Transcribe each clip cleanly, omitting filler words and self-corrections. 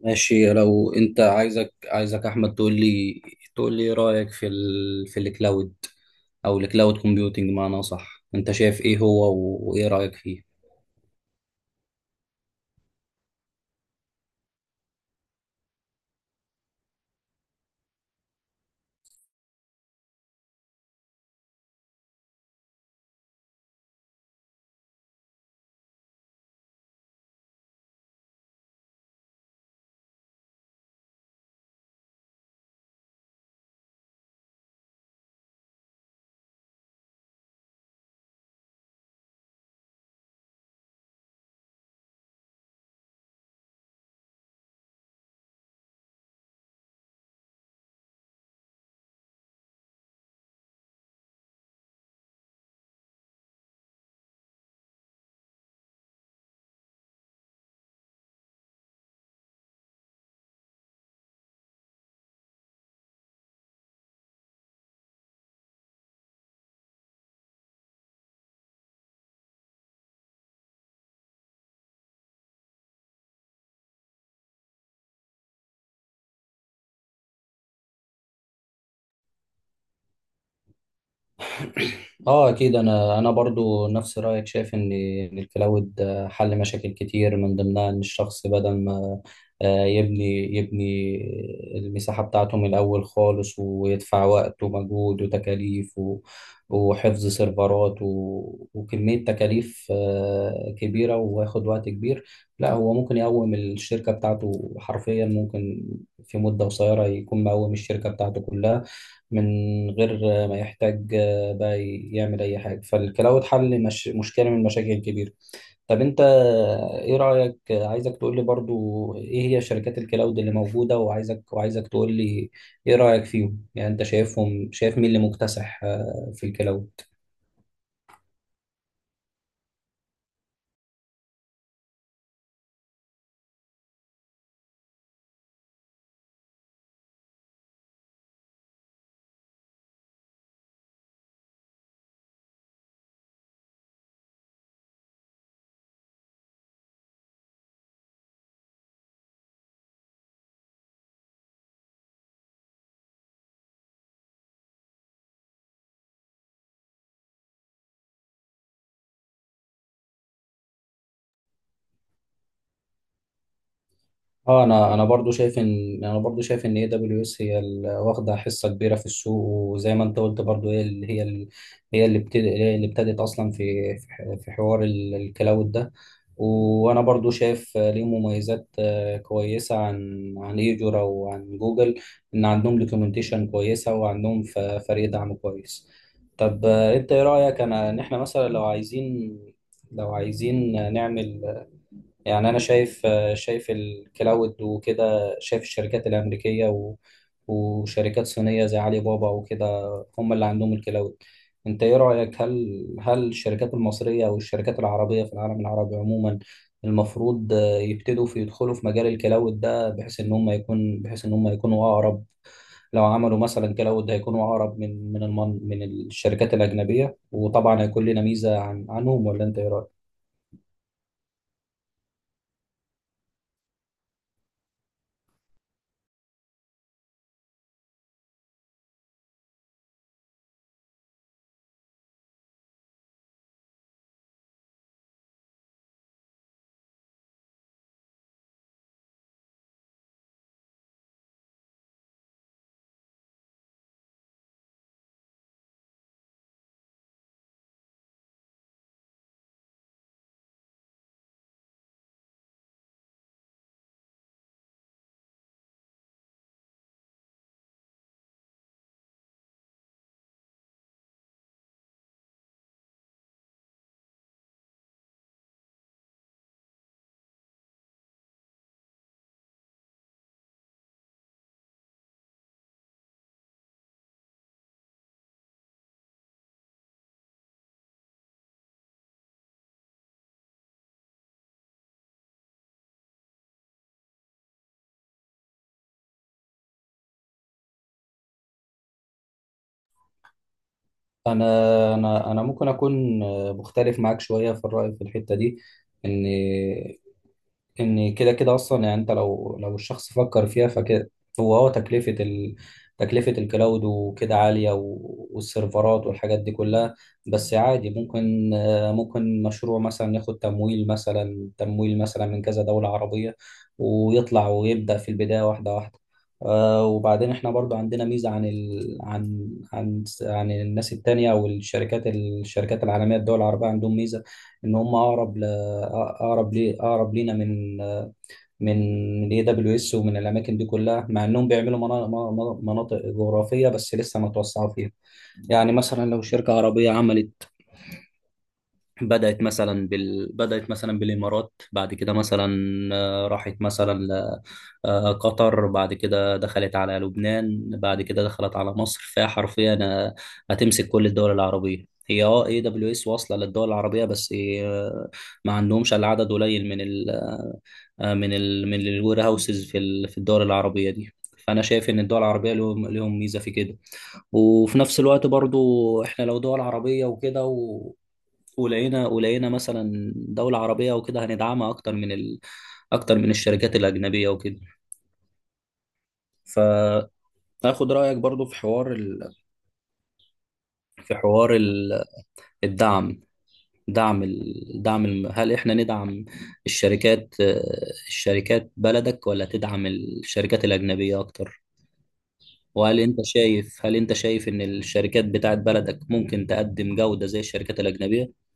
ماشي. لو انت عايزك احمد تقول لي، ايه رايك في الكلاود او الكلاود كومبيوتنج، معناه صح؟ انت شايف ايه هو وايه رايك فيه؟ اه اكيد، انا برضو نفس رايك، شايف إن الكلاود حل مشاكل كتير، من ضمنها ان الشخص بدل ما يبني المساحه بتاعته من الاول خالص، ويدفع وقت ومجهود وتكاليف وحفظ سيرفرات وكميه تكاليف كبيره، وياخد وقت كبير. لا، هو ممكن يقوم الشركه بتاعته حرفيا، ممكن في مده قصيره يكون مقوم الشركه بتاعته كلها من غير ما يحتاج بقى يعمل اي حاجه. فالكلاود حل، مش مشكله، من المشاكل الكبيره. طب انت ايه رايك؟ عايزك تقول لي برضو ايه هي شركات الكلاود اللي موجوده، وعايزك تقول لي ايه رايك فيهم. يعني انت شايفهم، شايف مين اللي مكتسح في الكلاود؟ اه، انا برضو شايف ان، اي دبليو اس هي واخده حصه كبيره في السوق. وزي ما انت قلت، برضو هي اللي، هي اللي ابتدت اصلا في في حوار الكلاود ده. وانا برضو شايف ليه مميزات كويسه عن ايجورا وعن جوجل، ان عندهم دوكيومنتيشن كويسه، وعندهم فريق دعم كويس. طب انت ايه رايك ان احنا مثلا لو عايزين، نعمل؟ يعني انا شايف، الكلاود وكده، شايف الشركات الامريكيه وشركات صينيه زي علي بابا وكده، هم اللي عندهم الكلاود. انت ايه رايك، هل الشركات المصريه او الشركات العربيه في العالم العربي عموما المفروض يبتدوا يدخلوا في مجال الكلاود ده، بحيث ان هم يكونوا اقرب؟ لو عملوا مثلا كلاود، هيكونوا اقرب من الشركات الاجنبيه، وطبعا هيكون لنا ميزه عنهم، ولا انت ايه رايك؟ انا ممكن اكون مختلف معاك شويه في الراي في الحته دي. ان ان كده كده اصلا، يعني انت لو، الشخص فكر فيها فكده. هو تكلفه الكلاود وكده عاليه، والسيرفرات والحاجات دي كلها. بس عادي، ممكن، مشروع مثلا ياخد تمويل، مثلا من كذا دوله عربيه، ويطلع ويبدا في البدايه واحده واحده. آه، وبعدين احنا برضو عندنا ميزه عن، ال... عن عن عن الناس التانية او الشركات العالميه. الدول العربيه عندهم ميزه ان هم اقرب، اقرب لي اقرب لينا، من من اي دبليو اس ومن الاماكن دي كلها، مع انهم بيعملوا مناطق جغرافيه، بس لسه ما توسعوا فيها. يعني مثلا لو شركه عربيه بدأت مثلا، بالإمارات، بعد كده مثلا راحت مثلا قطر، بعد كده دخلت على لبنان، بعد كده دخلت على مصر، فهي حرفيا هتمسك كل الدول العربية. هي اي دبليو اس واصله للدول العربيه، بس آه، ما عندهمش الا عدد قليل من ال آه، من ال من الوير هاوسز في الدول العربيه دي. فانا شايف ان الدول العربيه لهم ميزه في كده. وفي نفس الوقت برضو، احنا لو دول عربية وكده، ولقينا مثلا دولة عربية وكده، هندعمها أكتر أكتر من الشركات الأجنبية وكده. فآخد رأيك برضو في حوار في حوار ال... الدعم. دعم ال... دعم الم... هل إحنا ندعم الشركات، بلدك، ولا تدعم الشركات الأجنبية أكتر؟ وهل أنت شايف، إن الشركات بتاعت بلدك ممكن تقدم جودة زي الشركات الأجنبية؟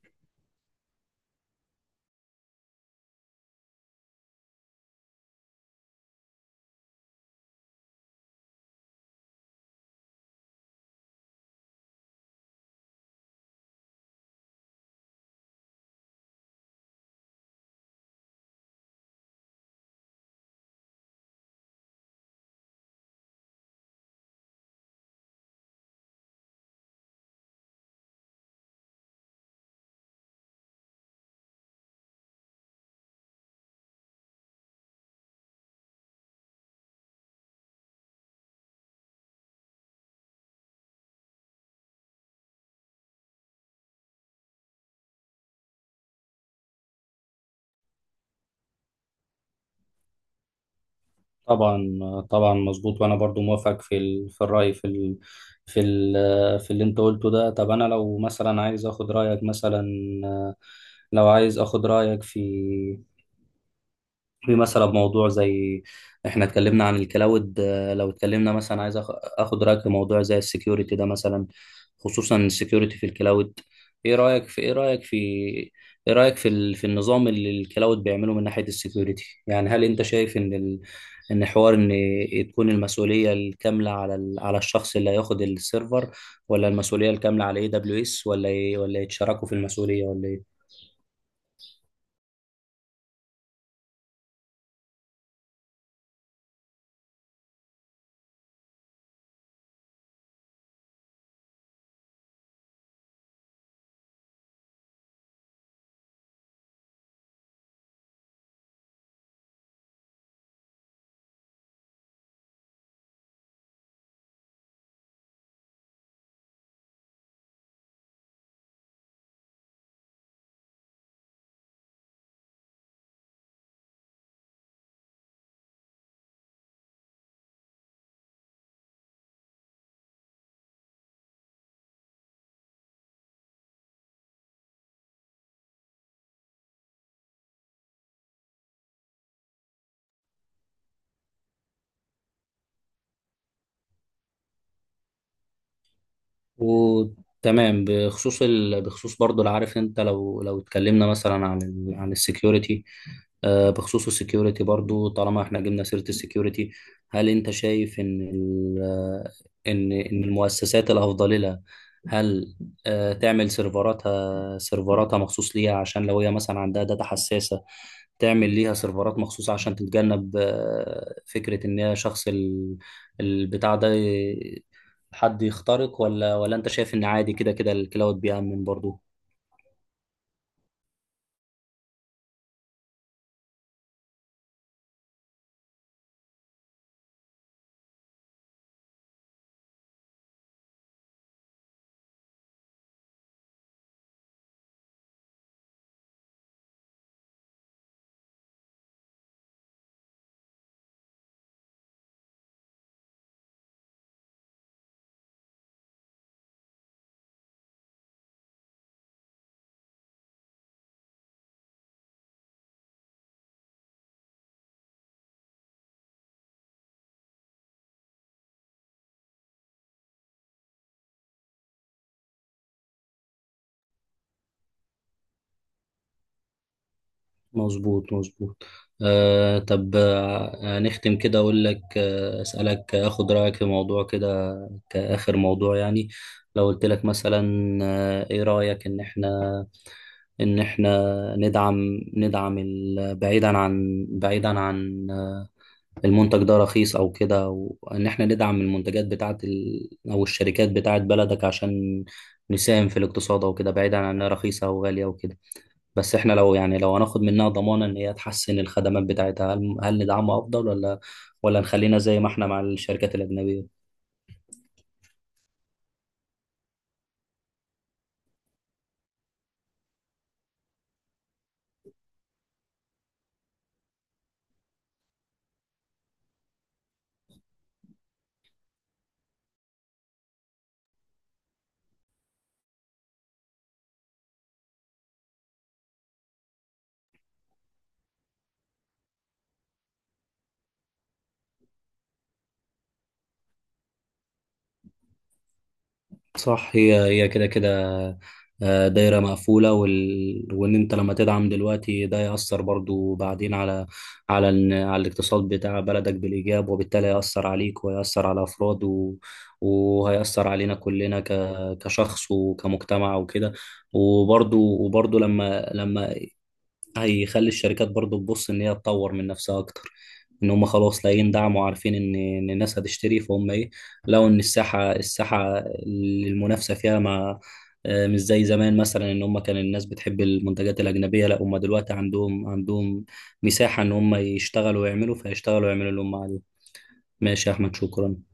طبعا، طبعا، مظبوط. وانا برضو موافق في الراي في ال... في اللي انت قلته ده. طب انا لو مثلا عايز اخد رايك مثلا، آه، لو عايز اخد رايك في، مثلا موضوع زي، احنا اتكلمنا عن الكلاود، لو اتكلمنا مثلا، عايز اخد رايك في موضوع زي السكيورتي ده مثلا، خصوصا السكيورتي في الكلاود. ايه رايك في، النظام اللي الكلاود بيعمله من ناحيه السكيورتي. يعني هل انت شايف ان تكون المسؤوليه الكامله على الشخص اللي هياخد السيرفر، ولا المسؤوليه الكامله على اي دبليو اس، ولا يتشاركوا في المسؤوليه، ولا ايه؟ وتمام. بخصوص برضه، لو عارف انت لو، اتكلمنا مثلا عن السكيورتي، بخصوص السكيورتي برضه، طالما احنا جبنا سيرة السكيورتي، هل انت شايف ان المؤسسات الافضل لها هل تعمل سيرفراتها، مخصوص ليها، عشان لو هي مثلا عندها داتا حساسة تعمل ليها سيرفرات مخصوصة، عشان تتجنب فكرة ان هي شخص ال- البتاع ده ي- حد يخترق، ولا انت شايف ان عادي كده كده الكلاود بيأمن برضو؟ مظبوط، مظبوط. طب، نختم كده، اقول لك، آه اسألك اخد رأيك في موضوع كده كآخر موضوع يعني. لو قلت لك مثلا، ايه رأيك ان احنا، ان احنا ندعم، بعيدا عن، المنتج ده رخيص او كده، وان احنا ندعم المنتجات بتاعت ال... او الشركات بتاعت بلدك، عشان نساهم في الاقتصاد او كده، بعيدا عن انها رخيصه او غاليه وكده. بس احنا لو، هناخد منها ضمانه ان هي تحسن الخدمات بتاعتها، هل ندعمها افضل، ولا نخلينا زي ما احنا مع الشركات الاجنبيه؟ صح، هي كده كده دايرة مقفولة. وإن أنت لما تدعم دلوقتي، ده يأثر برضو بعدين على، على الاقتصاد بتاع بلدك بالإيجاب، وبالتالي هيأثر عليك، ويأثر على أفراد وهيأثر علينا كلنا كشخص وكمجتمع وكده. وبرضو، لما هيخلي الشركات برضو تبص ان هي تطور من نفسها اكتر، ان هم خلاص لاقيين دعم، وعارفين ان الناس هتشتري، فهم ايه، لقوا ان الساحه، اللي المنافسه فيها ما آه، مش زي زمان مثلا، ان هم كان الناس بتحب المنتجات الاجنبيه. لا، هم دلوقتي عندهم، مساحه ان هم يشتغلوا ويعملوا، فيشتغلوا ويعملوا اللي هم عليه. ماشي يا احمد، شكرا.